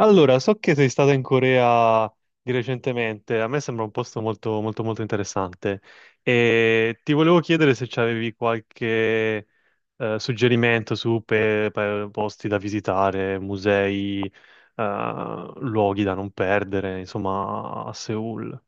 Allora, so che sei stata in Corea di recentemente, a me sembra un posto molto, molto, molto interessante e ti volevo chiedere se avevi qualche suggerimento su posti da visitare, musei, luoghi da non perdere, insomma, a Seoul.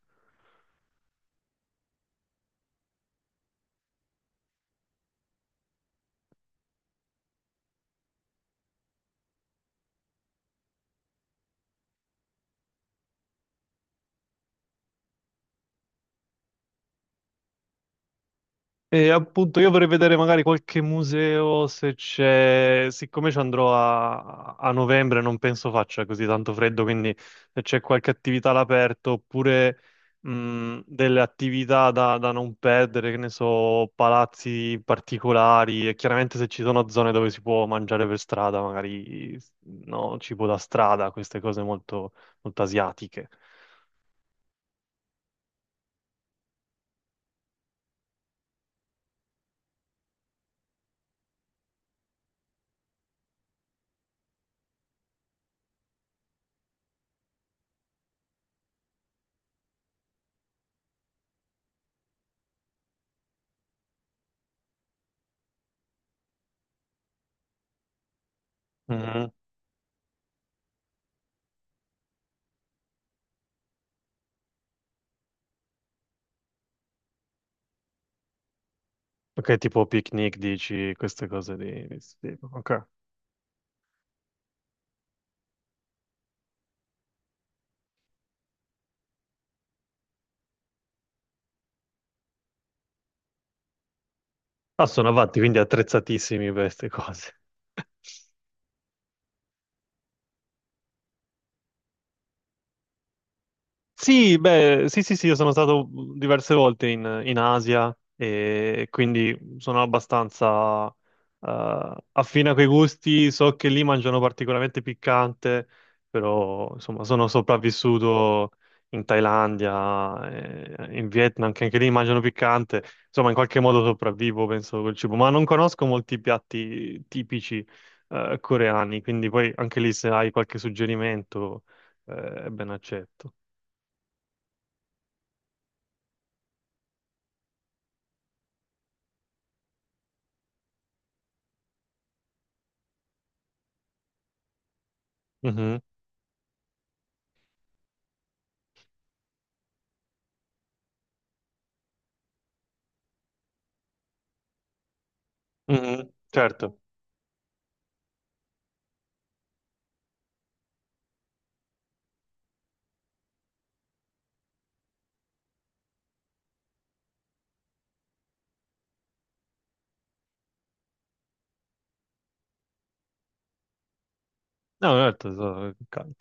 E appunto io vorrei vedere magari qualche museo se c'è, siccome ci andrò a novembre, non penso faccia così tanto freddo, quindi se c'è qualche attività all'aperto oppure delle attività da non perdere, che ne so, palazzi particolari e chiaramente se ci sono zone dove si può mangiare per strada, magari, no, cibo da strada, queste cose molto, molto asiatiche. Mhm. Ok, tipo picnic, dici, queste cose questo tipo. Ok. Ah, sono avanti, quindi attrezzatissimi per queste cose. Sì, beh, sì, sì, sì, io sono stato diverse volte in Asia e quindi sono abbastanza affine a quei gusti. So che lì mangiano particolarmente piccante, però insomma sono sopravvissuto in Thailandia, in Vietnam, che anche lì mangiano piccante. Insomma, in qualche modo sopravvivo, penso, col cibo. Ma non conosco molti piatti tipici coreani, quindi poi anche lì se hai qualche suggerimento, ben accetto. Mhm, mhm. Certo, no, certo, caldo.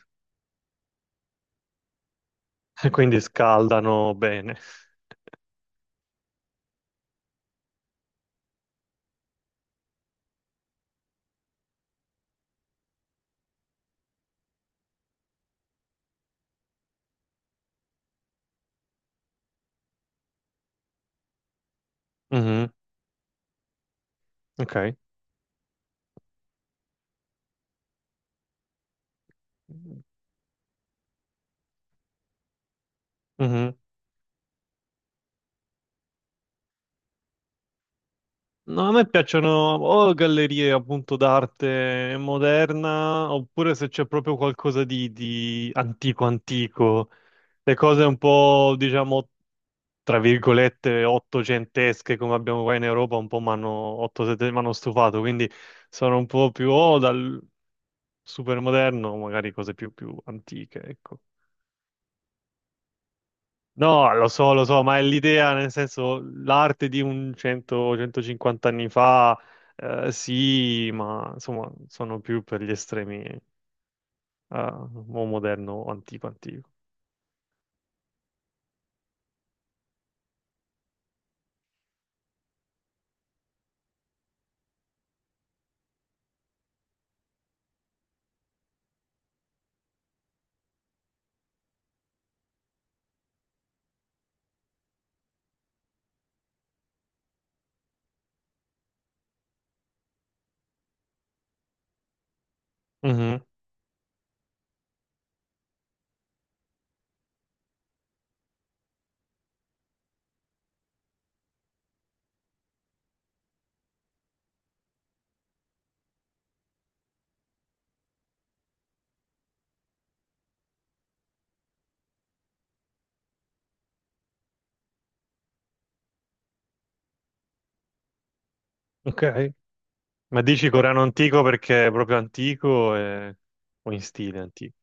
Quindi scaldano bene. Mhm. Ok. Mhm. No, a me piacciono o gallerie appunto d'arte moderna, oppure se c'è proprio qualcosa di antico antico, le cose un po', diciamo, tra virgolette, ottocentesche come abbiamo qua in Europa, un po' mi hanno m'hanno stufato, quindi sono un po' più o dal super moderno, magari cose più antiche, ecco. No, lo so, ma è l'idea, nel senso, l'arte di un 100-150 anni fa, sì, ma insomma, sono più per gli estremi, o moderno o antico antico. Mhm. Ok. Ma dici coreano antico perché è proprio antico o in stile antico?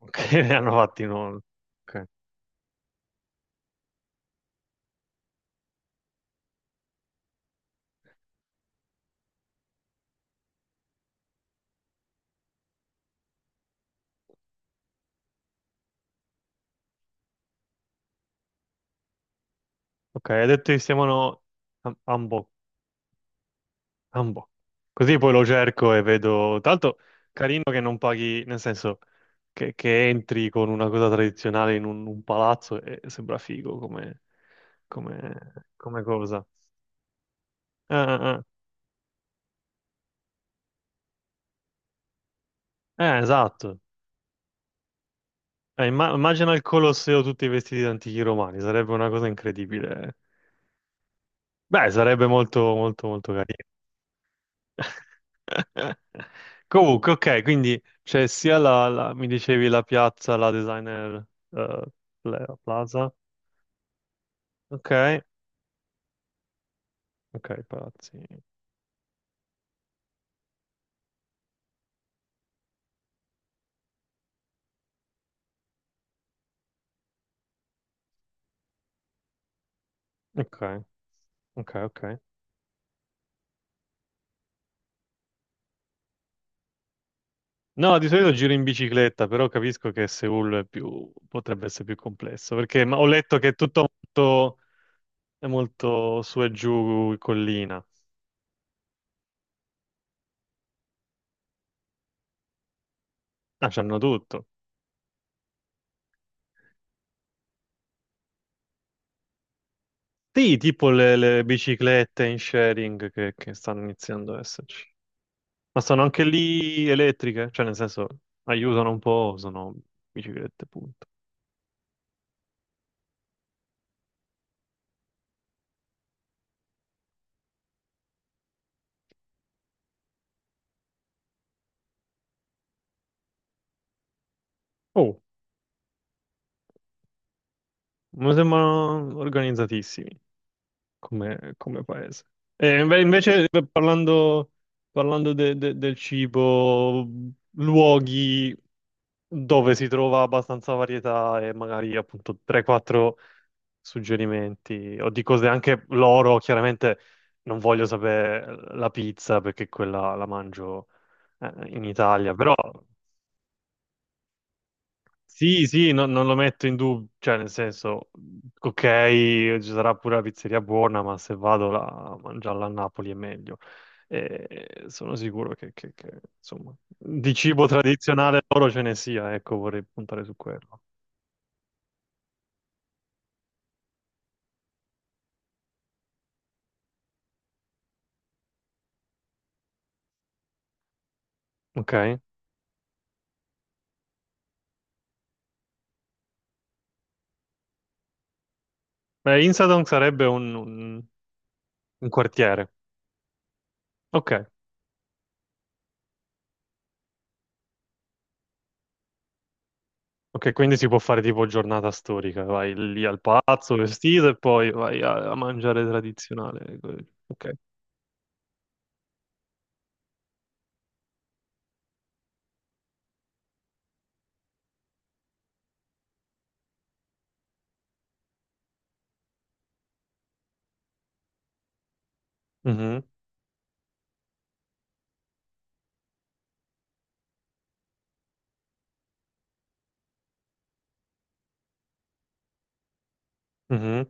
Ok, ne hanno fatti non. Ok, ok, hai detto che si chiamano Hanbok. Ambo. Così poi lo cerco e vedo. Tanto carino che non paghi, nel senso che entri con una cosa tradizionale in un palazzo e sembra figo come, come cosa. Eh. Esatto. Immagina il Colosseo tutti vestiti da antichi romani, sarebbe una cosa incredibile. Beh, sarebbe molto, molto, molto carino. Comunque, ok, quindi c'è sia mi dicevi la piazza, la designer eh, la Plaza. Ok, ok, palazzi. Ok, ok, ok. No, di solito giro in bicicletta, però capisco che Seul è più, potrebbe essere più complesso, perché ho letto che è tutto molto, è molto su e giù, collina. Ah, c'hanno tutto. Sì, tipo le biciclette in sharing che stanno iniziando ad esserci. Ma sono anche lì elettriche, cioè nel senso aiutano un po', sono biciclette, punto. Oh, mi sembrano organizzatissimi come, paese. E invece parlando del cibo, luoghi dove si trova abbastanza varietà e magari appunto 3-4 suggerimenti o di cose anche loro, chiaramente non voglio sapere la pizza perché quella la mangio in Italia, però sì, sì, non lo metto in dubbio, cioè nel senso, ok, ci sarà pure la pizzeria buona, ma se vado là a mangiarla a Napoli è meglio. E sono sicuro che, insomma, di cibo tradizionale loro ce ne sia, ecco, vorrei puntare su quello. Ok? Beh, Insadong sarebbe un quartiere. Ok, ok, quindi si può fare tipo giornata storica, vai lì al palazzo vestito e poi vai a mangiare tradizionale. Ok. Mhm, mhm.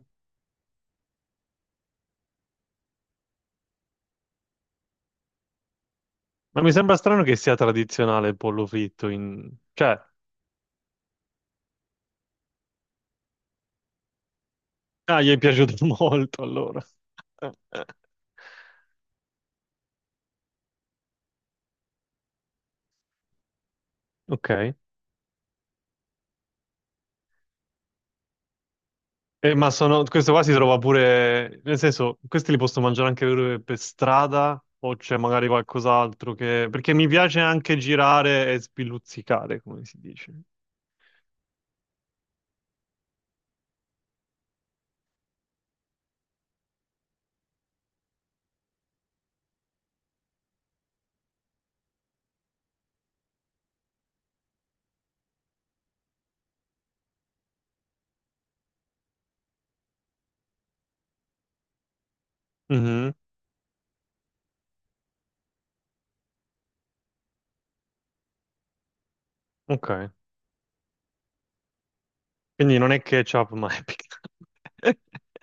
Ma mi sembra strano che sia tradizionale il pollo fritto in. Cioè, ah, gli è piaciuto molto allora. Ok. Ma sono. Questo qua si trova pure. Nel senso, questi li posso mangiare anche per strada o c'è magari qualcos'altro che. Perché mi piace anche girare e spiluzzicare, come si dice. Mhm. Ok. Quindi non è ketchup, ma è piccante.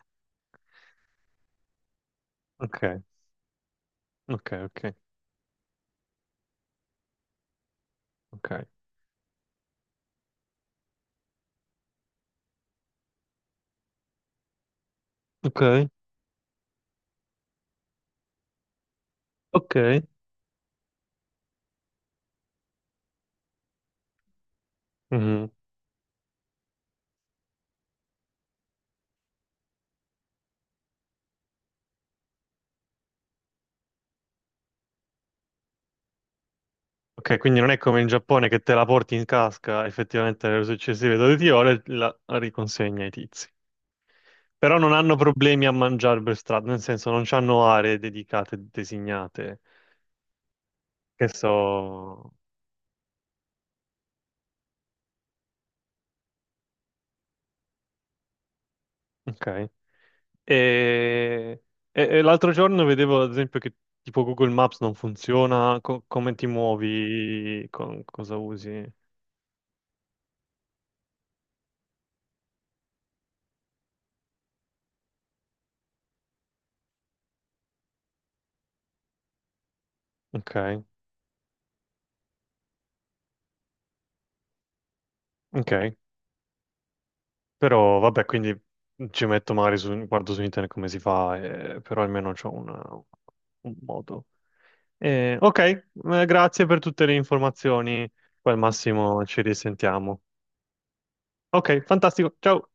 Ok, ok, ok, ok. Ok, ok. Mhm. Ok, quindi non è come in Giappone che te la porti in casca effettivamente nelle successive 12 ore, la riconsegna ai tizi. Però non hanno problemi a mangiare per strada, nel senso non hanno aree dedicate, designate, che so. Ok. E, e l'altro giorno vedevo ad esempio che tipo Google Maps non funziona, come ti muovi, cosa usi. Ok, ok. Però vabbè, quindi ci metto magari su, guardo su internet come si fa, però almeno c'ho un modo. Ok, grazie per tutte le informazioni. Poi al massimo ci risentiamo. Ok, fantastico. Ciao.